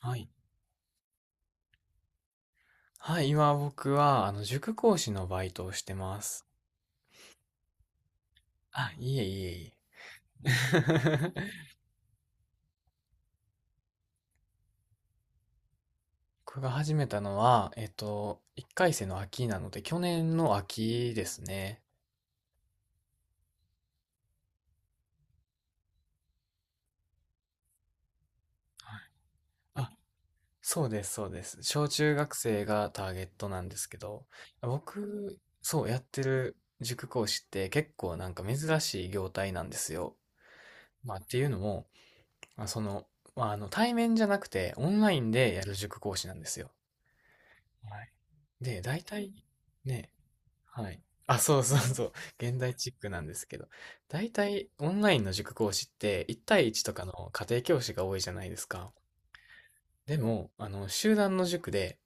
はい。はい、今僕は、塾講師のバイトをしてます。あ、いえいえいえ。僕が始めたのは、1回生の秋なので、去年の秋ですね。はい。あ、そうです、そうです。小中学生がターゲットなんですけど、僕、そうやってる塾講師って結構なんか珍しい業態なんですよ。まあっていうのも、まあ、その、対面じゃなくてオンラインでやる塾講師なんですよ。はい。で、大体、ね、はい。あ、そうそうそう。現代チックなんですけど。大体、オンラインの塾講師って、1対1とかの家庭教師が多いじゃないですか。でも、集団の塾で、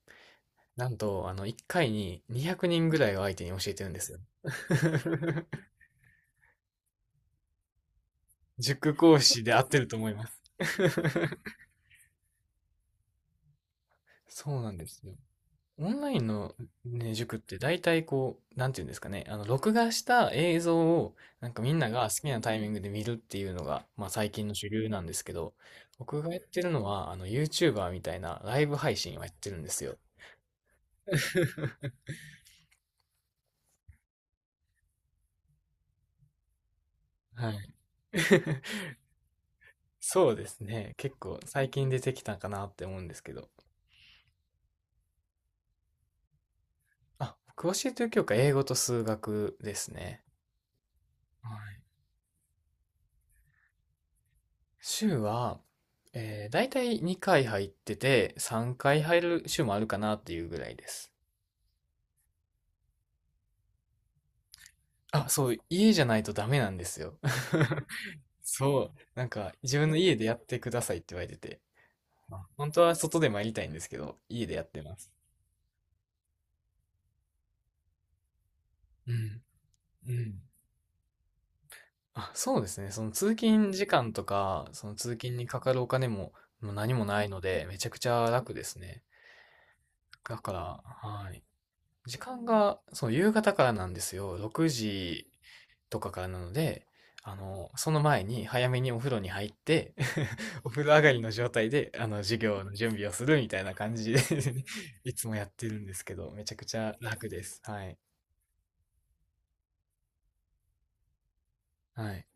なんと、1回に200人ぐらいを相手に教えてるんですよ。塾講師で合ってると思います。そうなんですよ。オンラインの、ね、塾って大体こう、なんていうんですかね、録画した映像を、なんかみんなが好きなタイミングで見るっていうのが、まあ最近の主流なんですけど、僕がやってるのは、YouTuber みたいなライブ配信をやってるんですよ。はい。そうですね。結構最近出てきたかなって思うんですけど。あ、僕教えてる教科、英語と数学ですね。はい。週は、大体2回入ってて、3回入る週もあるかなっていうぐらいです。あ、そう、家じゃないとダメなんですよ。そう、なんか自分の家でやってくださいって言われてて、あ、本当は外でもやりたいんですけど、家でやってます。うん、うん。あ、そうですね。その通勤時間とか、その通勤にかかるお金も、もう何もないので、めちゃくちゃ楽ですね。だから、はい。時間が、そう、夕方からなんですよ。6時とかからなので、その前に早めにお風呂に入って お風呂上がりの状態で、授業の準備をするみたいな感じで いつもやってるんですけど、めちゃくちゃ楽です。はい。はい。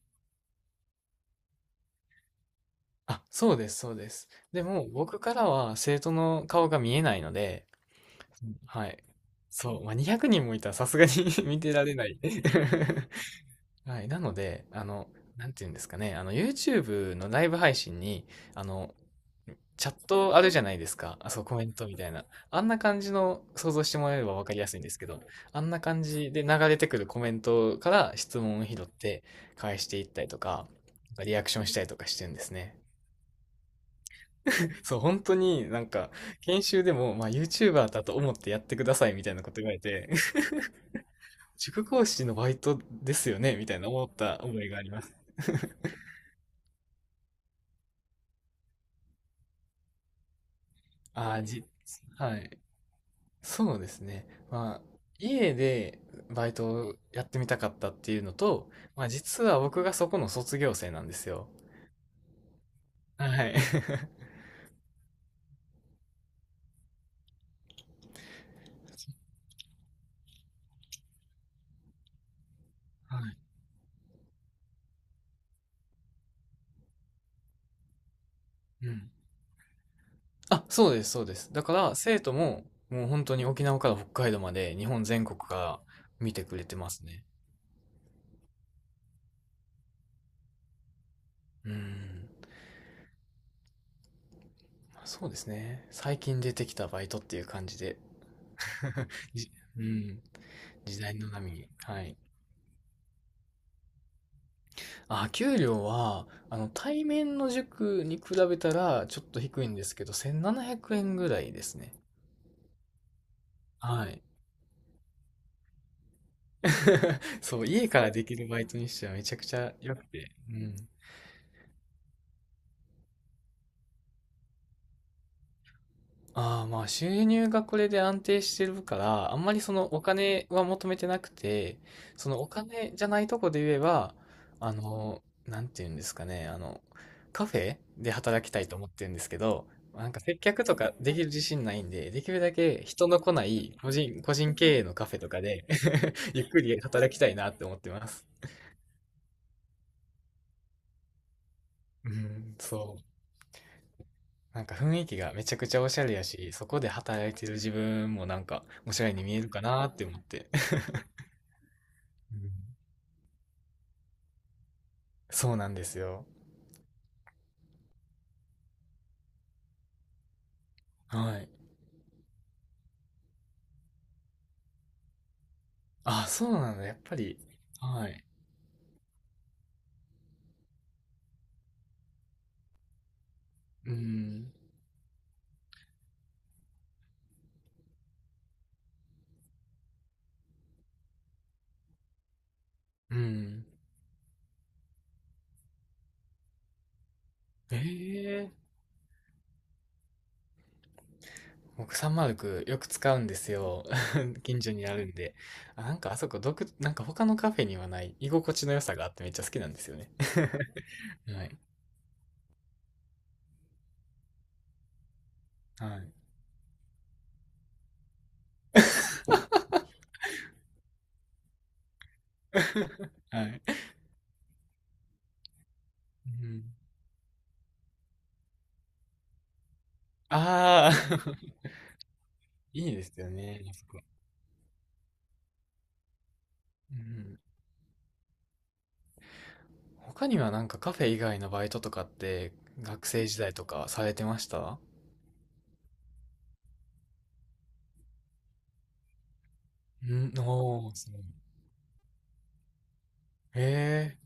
あ、そうです、そうです。でも、僕からは生徒の顔が見えないので、うん、はい。そう、まあ、200人もいたらさすがに 見てられない。 はい。なので、なんていうんですかね、YouTube のライブ配信に、あの、チャットあるじゃないですか。あ、そう、コメントみたいな。あんな感じの想像してもらえればわかりやすいんですけど、あんな感じで流れてくるコメントから質問を拾って返していったりとか、リアクションしたりとかしてるんですね。そう、本当になんか、研修でも、まあ、YouTuber だと思ってやってくださいみたいなこと言われて、塾講師のバイトですよねみたいな思った思いがあります。ああ、はい。そうですね。まあ、家でバイトをやってみたかったっていうのと、まあ実は僕がそこの卒業生なんですよ。はい。はい。うん。あ、そうです、そうです。だから生徒ももう本当に沖縄から北海道まで日本全国から見てくれてますね。うん。まあそうですね。最近出てきたバイトっていう感じで。うん。時代の波に。はい。あ、給料は、対面の塾に比べたらちょっと低いんですけど、1700円ぐらいですね。はい。そう、家からできるバイトにしてはめちゃくちゃ良くて。うん。ああ、まあ収入がこれで安定してるから、あんまりそのお金は求めてなくて、そのお金じゃないとこで言えば、あの、なんていうんですかね、カフェで働きたいと思ってるんですけど、なんか接客とかできる自信ないんで、できるだけ人の来ない個人経営のカフェとかで ゆっくり働きたいなって思ってます。うん、そう。なんか雰囲気がめちゃくちゃおしゃれやし、そこで働いてる自分もなんかおしゃれに見えるかなって思って。うん、そうなんですよ。はい。あ、そうなんだ、やっぱり。はい。うん。うん。ええ、僕3 0クよく使うんですよ。近所にあるんで。あ、なんかあそこなんか他のカフェにはない居心地の良さがあってめっちゃ好きなんですよね。はい。はい。はい。うん。ああ。 いいですよね、あそこ。うん。他にはなんかカフェ以外のバイトとかって学生時代とかされてました？うん、おー、そう、へえ、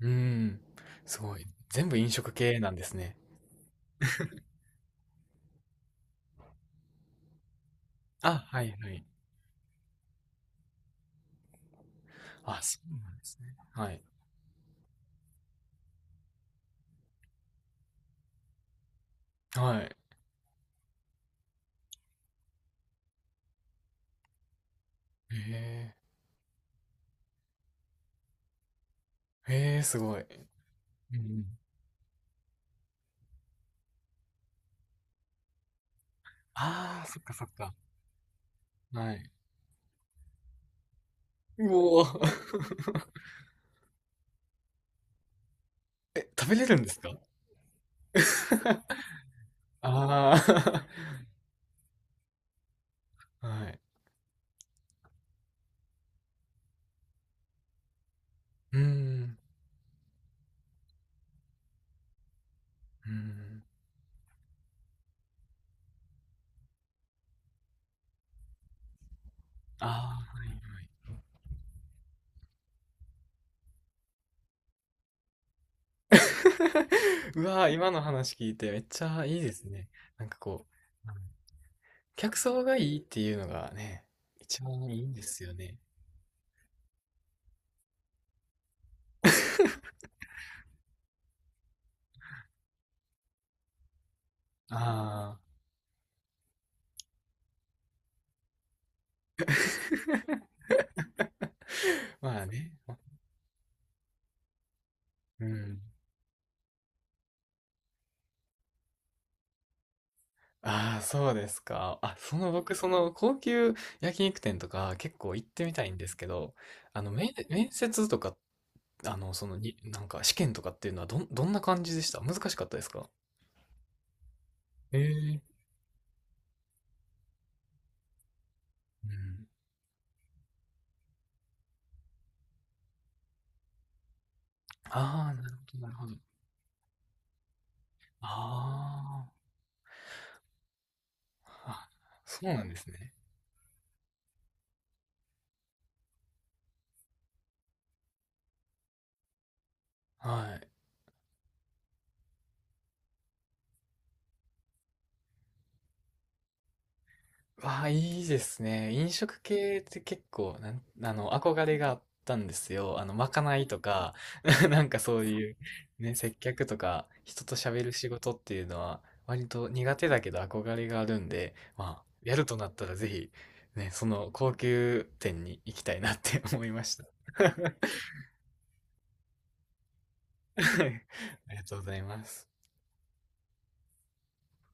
うん、すごい。全部飲食系なんですね。あ、はいはい。あ、そうなんですね。はい。はい。へえ、へえ、すごい。うん。ああ、そっかそっか。はい。うおー。 え、食べれるんですか？ ああ。はい。うん、うん。ああ、はいはい。うわー、今の話聞いてめっちゃいいですね。なんかこう、客層がいいっていうのがね、一番いいんですよね。ああ。まあね。うん。ああ、そうですか。あ、その僕、その高級焼肉店とか結構行ってみたいんですけど、面接とか、あの、そのに、なんか試験とかっていうのはどんな感じでした？難しかったですか？ええ、うん。ああ、なるほど、なるほど。ああ、そうなんですね。はい。わあ、いいですね。飲食系って結構、なん、あの、憧れがあったんですよ。まかないとか、なんかそういう、ね、接客とか、人と喋る仕事っていうのは、割と苦手だけど憧れがあるんで、まあ、やるとなったらぜひ、ね、その高級店に行きたいなって思いました。ありがとうございます。